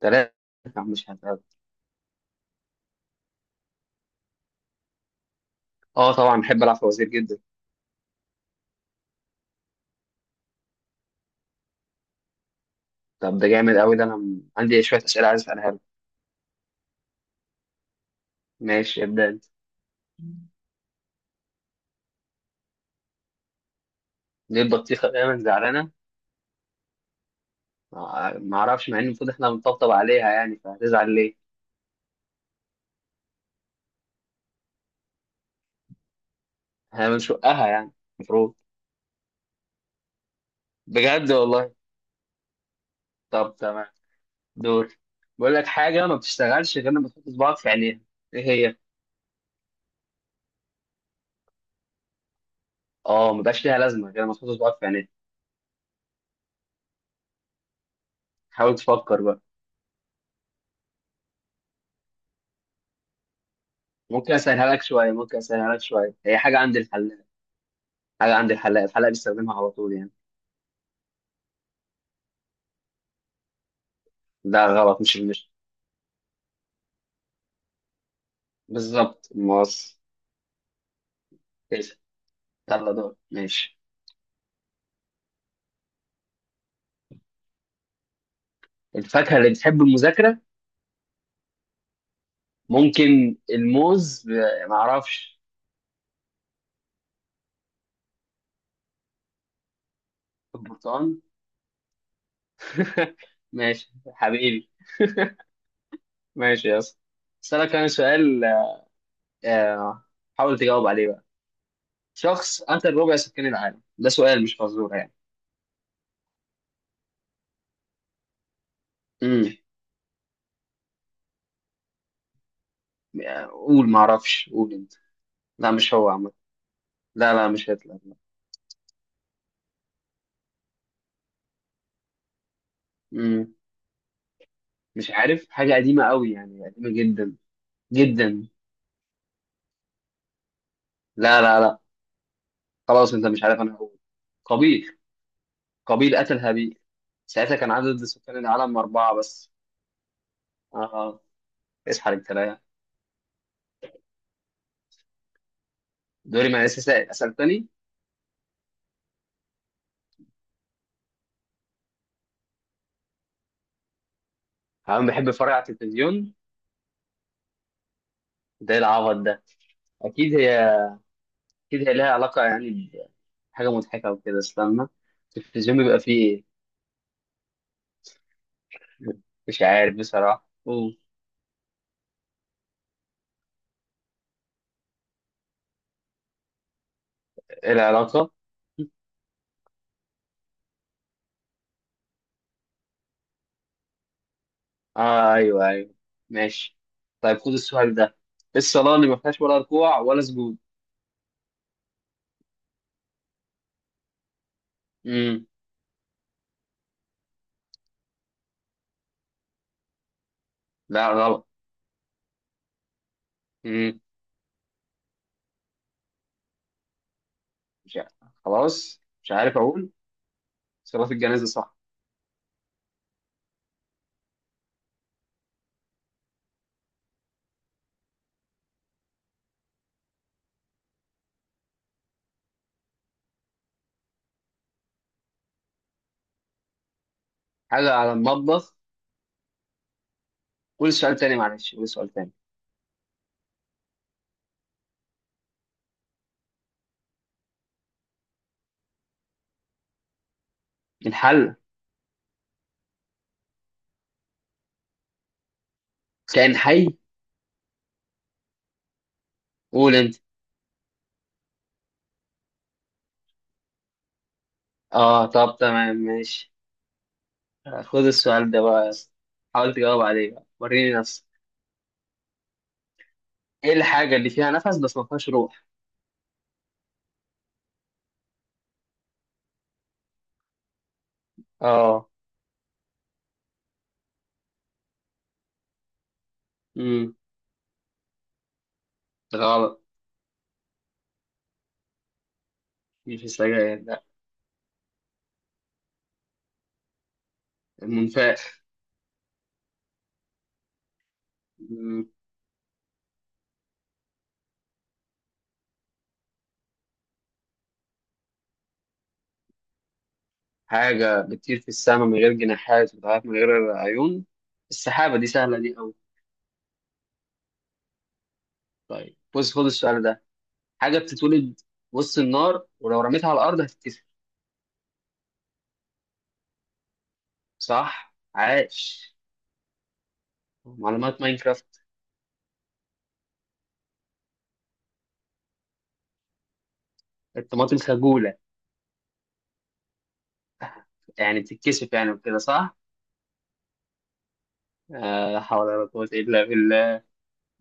3، مش هتقابل. اه، طبعا بحب العب فوازير جدا. طب ده جامد قوي، ده انا عندي شويه اسئله عايز اسالها لك. ماشي، ابدا انت. ليه البطيخه دايما زعلانه؟ ما اعرفش، مع ان المفروض احنا بنطبطب عليها، يعني فهتزعل ليه؟ احنا بنشقها يعني. المفروض. بجد والله. طب تمام. دور. بقول لك حاجه ما بتشتغلش غير لما تحط صباعك في عينيها. ايه هي؟ اه، ما بقاش ليها لازمه غير لما تحط صباعك في عينيها. حاول تفكر بقى. ممكن اسهلها لك شويه، هي حاجه عند الحلاق الحلاق بيستخدمها على طول يعني. لا غلط، مش المشت. بالظبط، موز. كده. يلا دور، ماشي. الفاكهة اللي بتحب المذاكرة. ممكن الموز معرفش. البرتقال. ماشي حبيبي. ماشي يا اسطى. اسألك انا سؤال. آه، حاول تجاوب عليه بقى. شخص قتل ربع سكان العالم، ده سؤال مش فزورة يعني. امم. قول معرفش، قول انت. لا مش هو عامة. لا، لا، مش هتلر، لا. امم. مش عارف، حاجة قديمة قوي يعني، قديمة جدا. جدا. لا، لا، لا. خلاص انت مش عارف، انا هقول. قابيل. قابيل قتل هابيل. ساعتها كان عدد سكان العالم 4 بس. آه. اصحى للكلام. دوري، ما لسه سائل، أسأل تاني. أنا بحب أتفرج على التلفزيون. ده إيه العبط ده؟ أكيد هي أكيد هي لها علاقة يعني، بحاجة مضحكة وكده، استنى. التلفزيون بيبقى فيه إيه؟ مش عارف بصراحة، أوه. إيه العلاقة؟ آه، أيوه، أيوه. ماشي. طيب خد السؤال ده، إيه الصلاة اللي ما فيهاش ولا ركوع ولا سجود؟ امم. لا غلط. مش عارف. خلاص مش عارف، اقول. صلاه الجنازه، صح. حاجه على المطبخ. قول سؤال تاني، معلش قول سؤال تاني. الحل. كائن حي. قول انت. اه طب تمام ماشي. خد السؤال ده بقى يا اسطى. حاول تجاوب عليه بقى، وريني نفسك. ايه الحاجه اللي فيها نفس بس ما فيهاش روح؟ اه. امم. غلط. مش السجاير، لا. المنفاخ. مم. حاجه بتطير في السماء من غير جناحات وبتعرف من غير عيون. السحابه، دي سهله دي قوي. طيب بص، خد السؤال ده. حاجه بتتولد وسط النار، ولو رميتها على الارض هتتكسر. صح عاش. معلومات ماينكرافت. الطماطم خجوله. يعني بتتكسف يعني وكده صح. آه، لا حول ولا قوه الا بالله.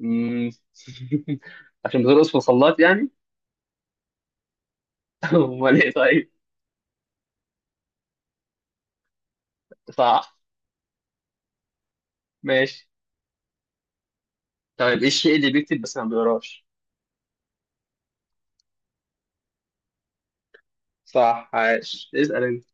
مم. عشان بترقص في الخلاط يعني. امال ايه طيب. صح ماشي. طيب ايه الشيء اللي بيكتب بس ما بيقراش؟ صح عاش، اسال انت.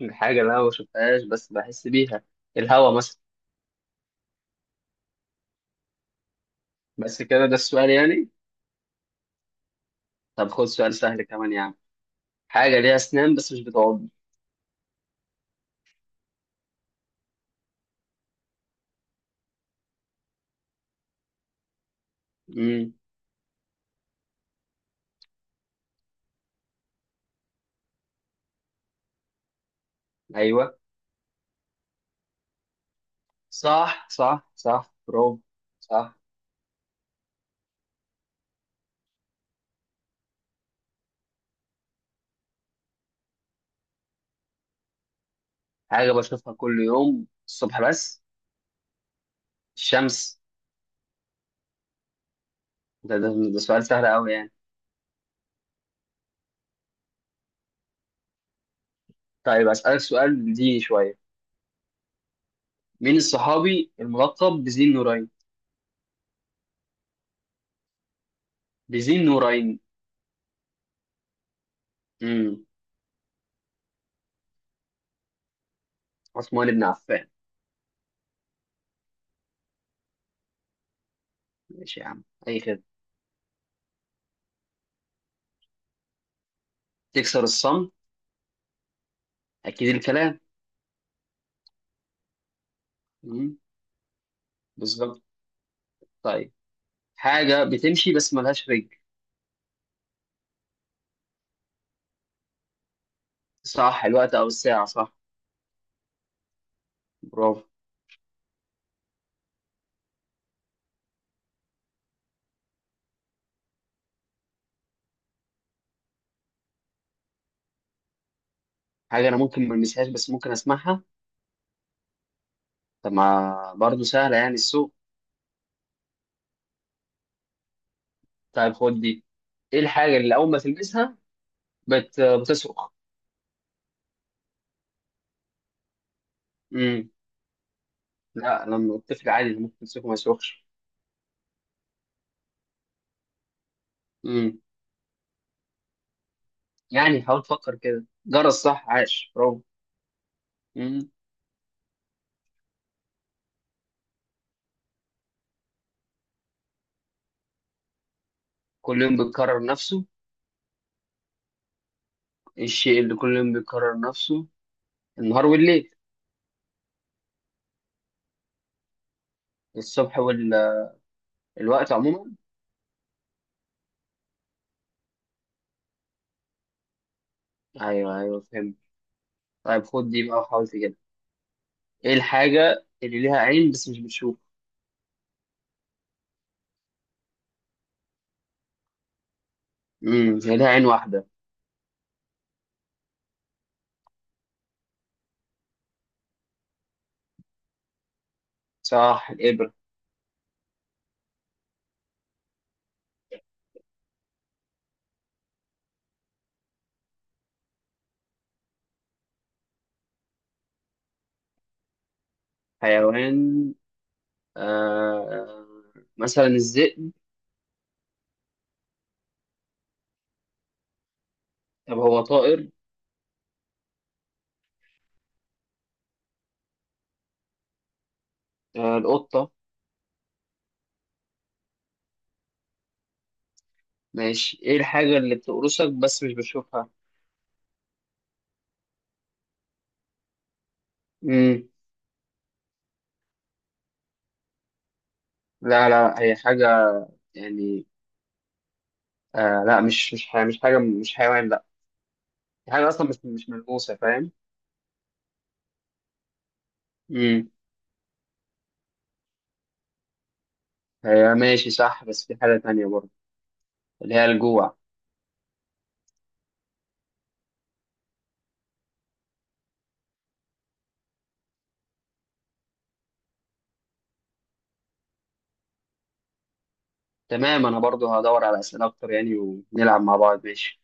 الحاجه اللي انا ما بشوفهاش بس بحس بيها. الهوا مثلا. بس كده، ده السؤال يعني. طب خد سؤال سهل كمان يعني. حاجة ليها أسنان بس مش بتعض. امم. ايوه. صح، صح، صح، برافو. صح. حاجه بشوفها كل يوم الصبح بس. الشمس. ده, ده, ده سؤال سهل قوي يعني. طيب اسالك سؤال ديني شويه. مين الصحابي الملقب بذي النورين؟ بذي النورين. امم. عثمان بن عفان. ماشي يا عم، اي خدمه. تكسر الصمت. اكيد الكلام. امم. بالظبط. طيب حاجه بتمشي بس ملهاش رجل. صح، الوقت او الساعه، صح. برافو. حاجه انا ممكن ما المسهاش بس ممكن اسمعها. طب ما برضه سهلة يعني، السوق. طيب خد دي. ايه الحاجة اللي أول ما تلمسها بتصرخ؟ امم. لا لما الطفل عادي ممكن تمسكه ما يصرخش. امم. يعني حاول تفكر كده، جرس، صح عاش برافو. امم. كل يوم بيكرر نفسه. الشيء اللي كل يوم بيكرر نفسه، النهار والليل. الصبح. والوقت عموما. ايوه، ايوه، فهمت. طيب خد دي بقى وحاول تجيبها. ايه الحاجة اللي ليها عين بس مش بتشوف؟ امم، هي ليها عين واحدة. صح، الإبرة. حيوان. آه، مثلا الذئب. طب هو طائر. آه، القطة. ماشي. ايه الحاجة اللي بتقرصك بس مش بتشوفها؟ مم. لا، لا، هي حاجة، يعني، آه لا، مش حاجة، مش حاجة، مش حيوان، لا. هي حاجة أصلا مش ملموسة، فاهم؟ مم. هي ماشي صح، بس في حاجة تانية برضه، اللي هي الجوع. تمام، أنا برضه هدور على أسئلة أكتر يعني، ونلعب مع بعض، ماشي.